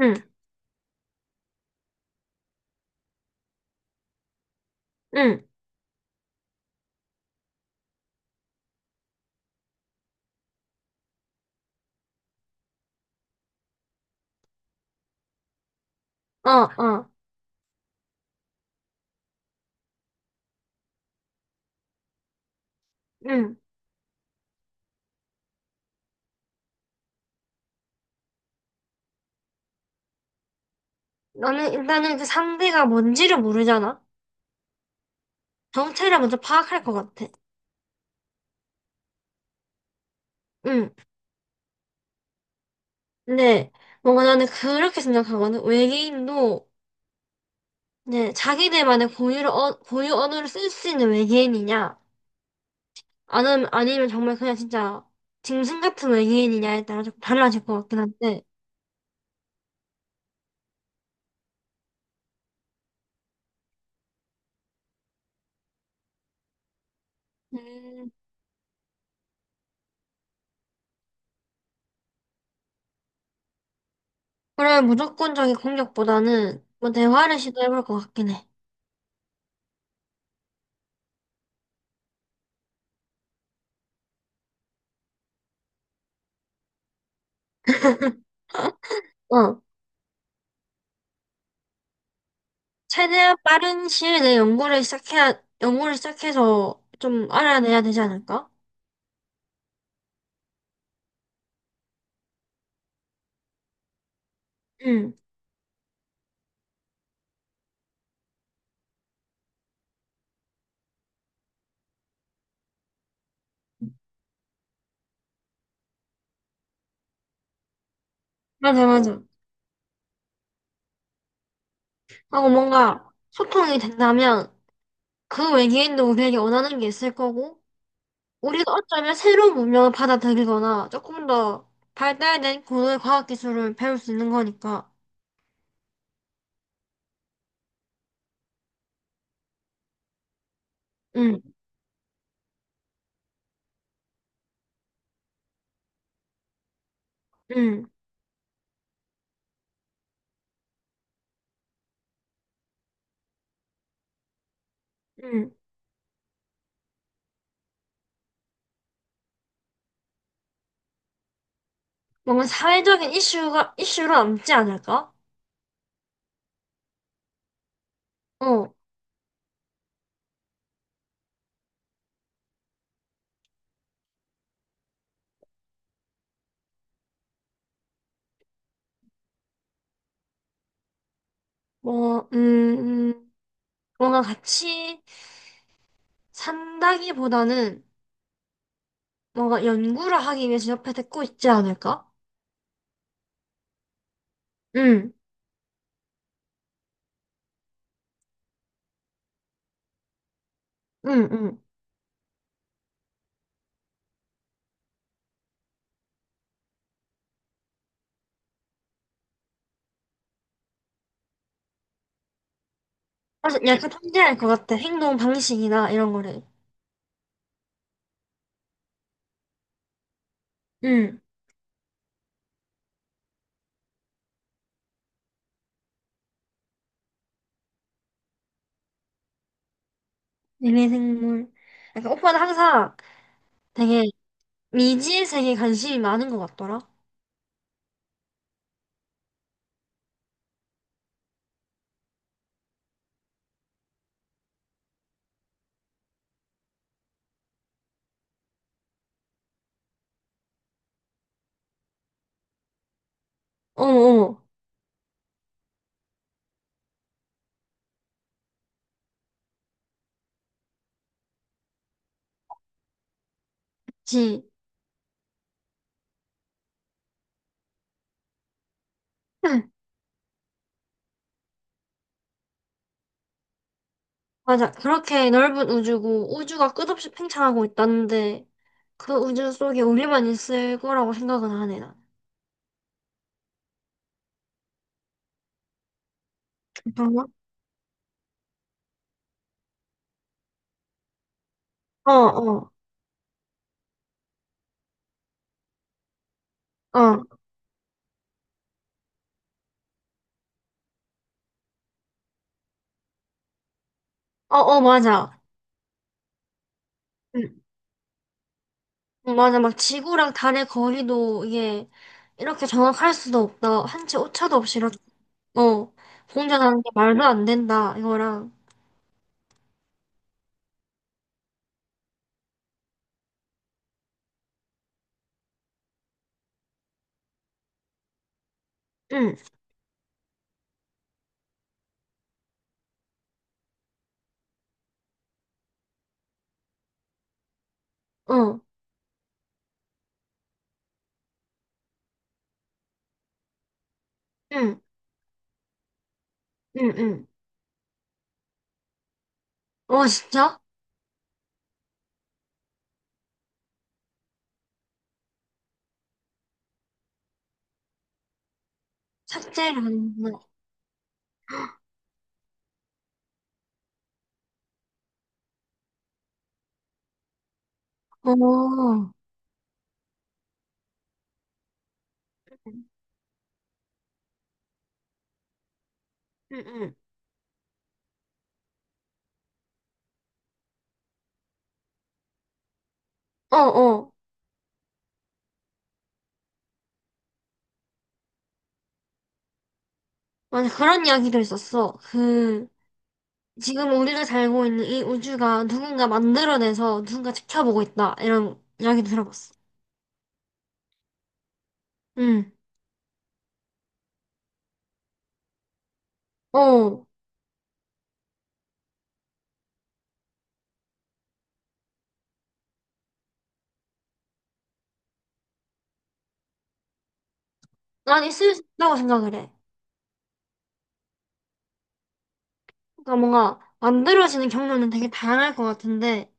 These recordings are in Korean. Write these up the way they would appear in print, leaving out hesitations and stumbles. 응, 응, 어, 어, 응. 너는 일단은 그 상대가 뭔지를 모르잖아. 정체를 먼저 파악할 것 같아. 응. 근데 뭔가 나는 그렇게 생각하거든. 외계인도 이제 자기들만의 고유 언어를 쓸 수 있는 외계인이냐, 아니면 정말 그냥 진짜 짐승 같은 외계인이냐에 따라 조금 달라질 것 같긴 한데. 음. 그런 무조건적인 공격보다는 뭐 대화를 시도해볼 것 같긴 해. 어. 최대한 빠른 시일 내에 연구를 시작해야, 연구를 시작해서 좀 알아내야 되지 않을까? 응, 맞아, 맞아. 하고 뭔가 소통이 된다면 그 외계인도 우리에게 원하는 게 있을 거고, 우리가 어쩌면 새로운 문명을 받아들이거나 조금 더 발달된 고도의 과학 기술을 배울 수 있는 거니까. 응, 응, 응. 뭔가 사회적인 이슈로 남지 않을까? 어, 뭐, 음, 뭔가 같이 산다기보다는 뭔가 연구를 하기 위해서 옆에 데리고 있지 않을까? 응, 응, 응. 그래서 약간 탐지할 것 같아. 행동 방식이나 이런 거를. 응, 얘네 생물. 약간 오빠는 항상 되게 미지의 세계에 관심이 많은 것 같더라. 어, 어. 그치? 응. 맞아. 그렇게 넓은 우주고 우주가 끝없이 팽창하고 있다는데 그 우주 속에 우리만 있을 거라고 생각은 안 해, 난. 정말? 어, 어, 어, 어, 어, 맞아. 응. 맞아, 막 지구랑 달의 거리도 이게 이렇게 정확할 수도 없다. 한치 오차도 없이 이렇게, 어, 공전하는 게 말도 안 된다. 이거랑, 응, 어, 응, 응, 응. 어, 진짜? 삭제를 하는거 어, 응, 응. 어, 어. 맞아, 그런 이야기도 있었어. 그, 지금 우리가 살고 있는 이 우주가 누군가 만들어내서 누군가 지켜보고 있다. 이런 이야기도 들어봤어. 응, 어. 난 있을 수 있다고 생각을 해. 그러니까 뭔가 만들어지는 경로는 되게 다양할 것 같은데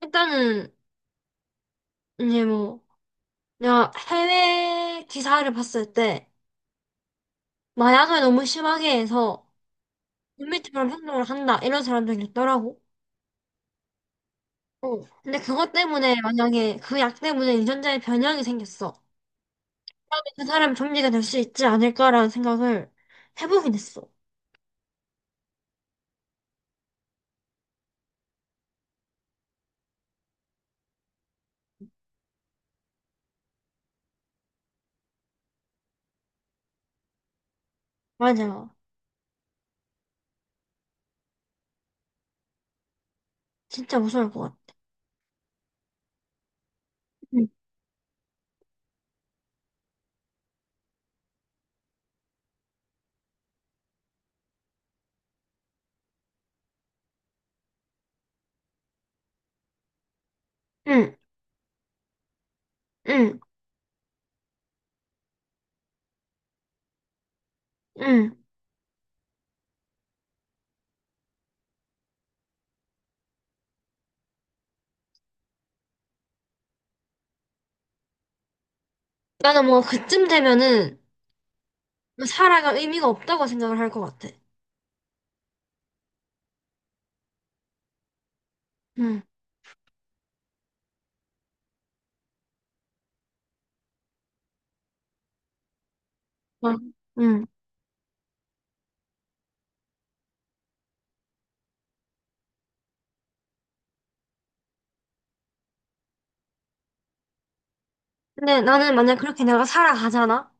일단은 이제 뭐 내가 해외 기사를 봤을 때 마약을 너무 심하게 해서 인미트럼 행동을 한다 이런 사람들이 있더라고. 어. 근데 그것 때문에 만약에 그 약 때문에 유전자에 변형이 생겼어. 그 사람 좀비가 될 수 있지 않을까라는 생각을 해보긴 했어. 맞아. 진짜 무서울 것 같아. 응, 응, 응. 응. 나는 뭔가 그쯤 되면은 뭐 살아갈 의미가 없다고 생각을 할 것 같아. 응, 응. 응. 근데 나는 만약 그렇게 내가 살아가잖아?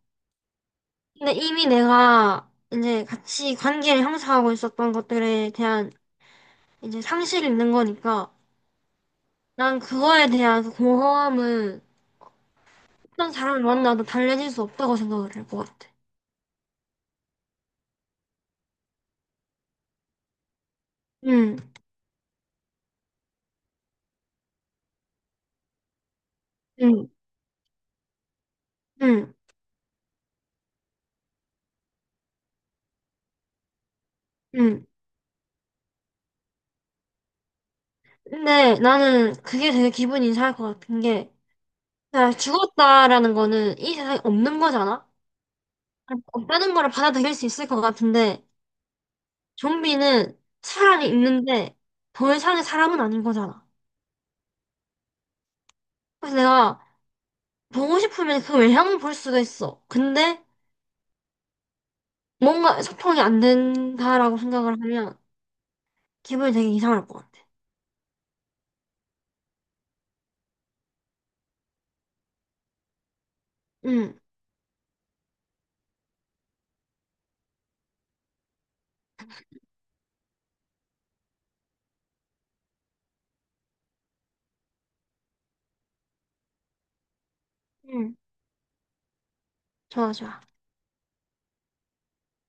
근데 이미 내가 이제 같이 관계를 형성하고 있었던 것들에 대한 이제 상실이 있는 거니까 난 그거에 대한 그 공허함은 어떤 사람을 만나도 달래질 수 없다고 생각을 할 것 같아. 응, 응, 응, 응. 근데 나는 그게 되게 기분이 이상할 것 같은 게 내가 죽었다라는 거는 이 세상에 없는 거잖아? 없다는 거를 받아들일 수 있을 것 같은데 좀비는 사람이 있는데 더 이상의 사람은 아닌 거잖아. 그래서 내가 보고 싶으면 그 외향을 볼 수가 있어. 근데 뭔가 소통이 안 된다라고 생각을 하면 기분이 되게 이상할 것 같아. 응, 응, 좋아, 좋아.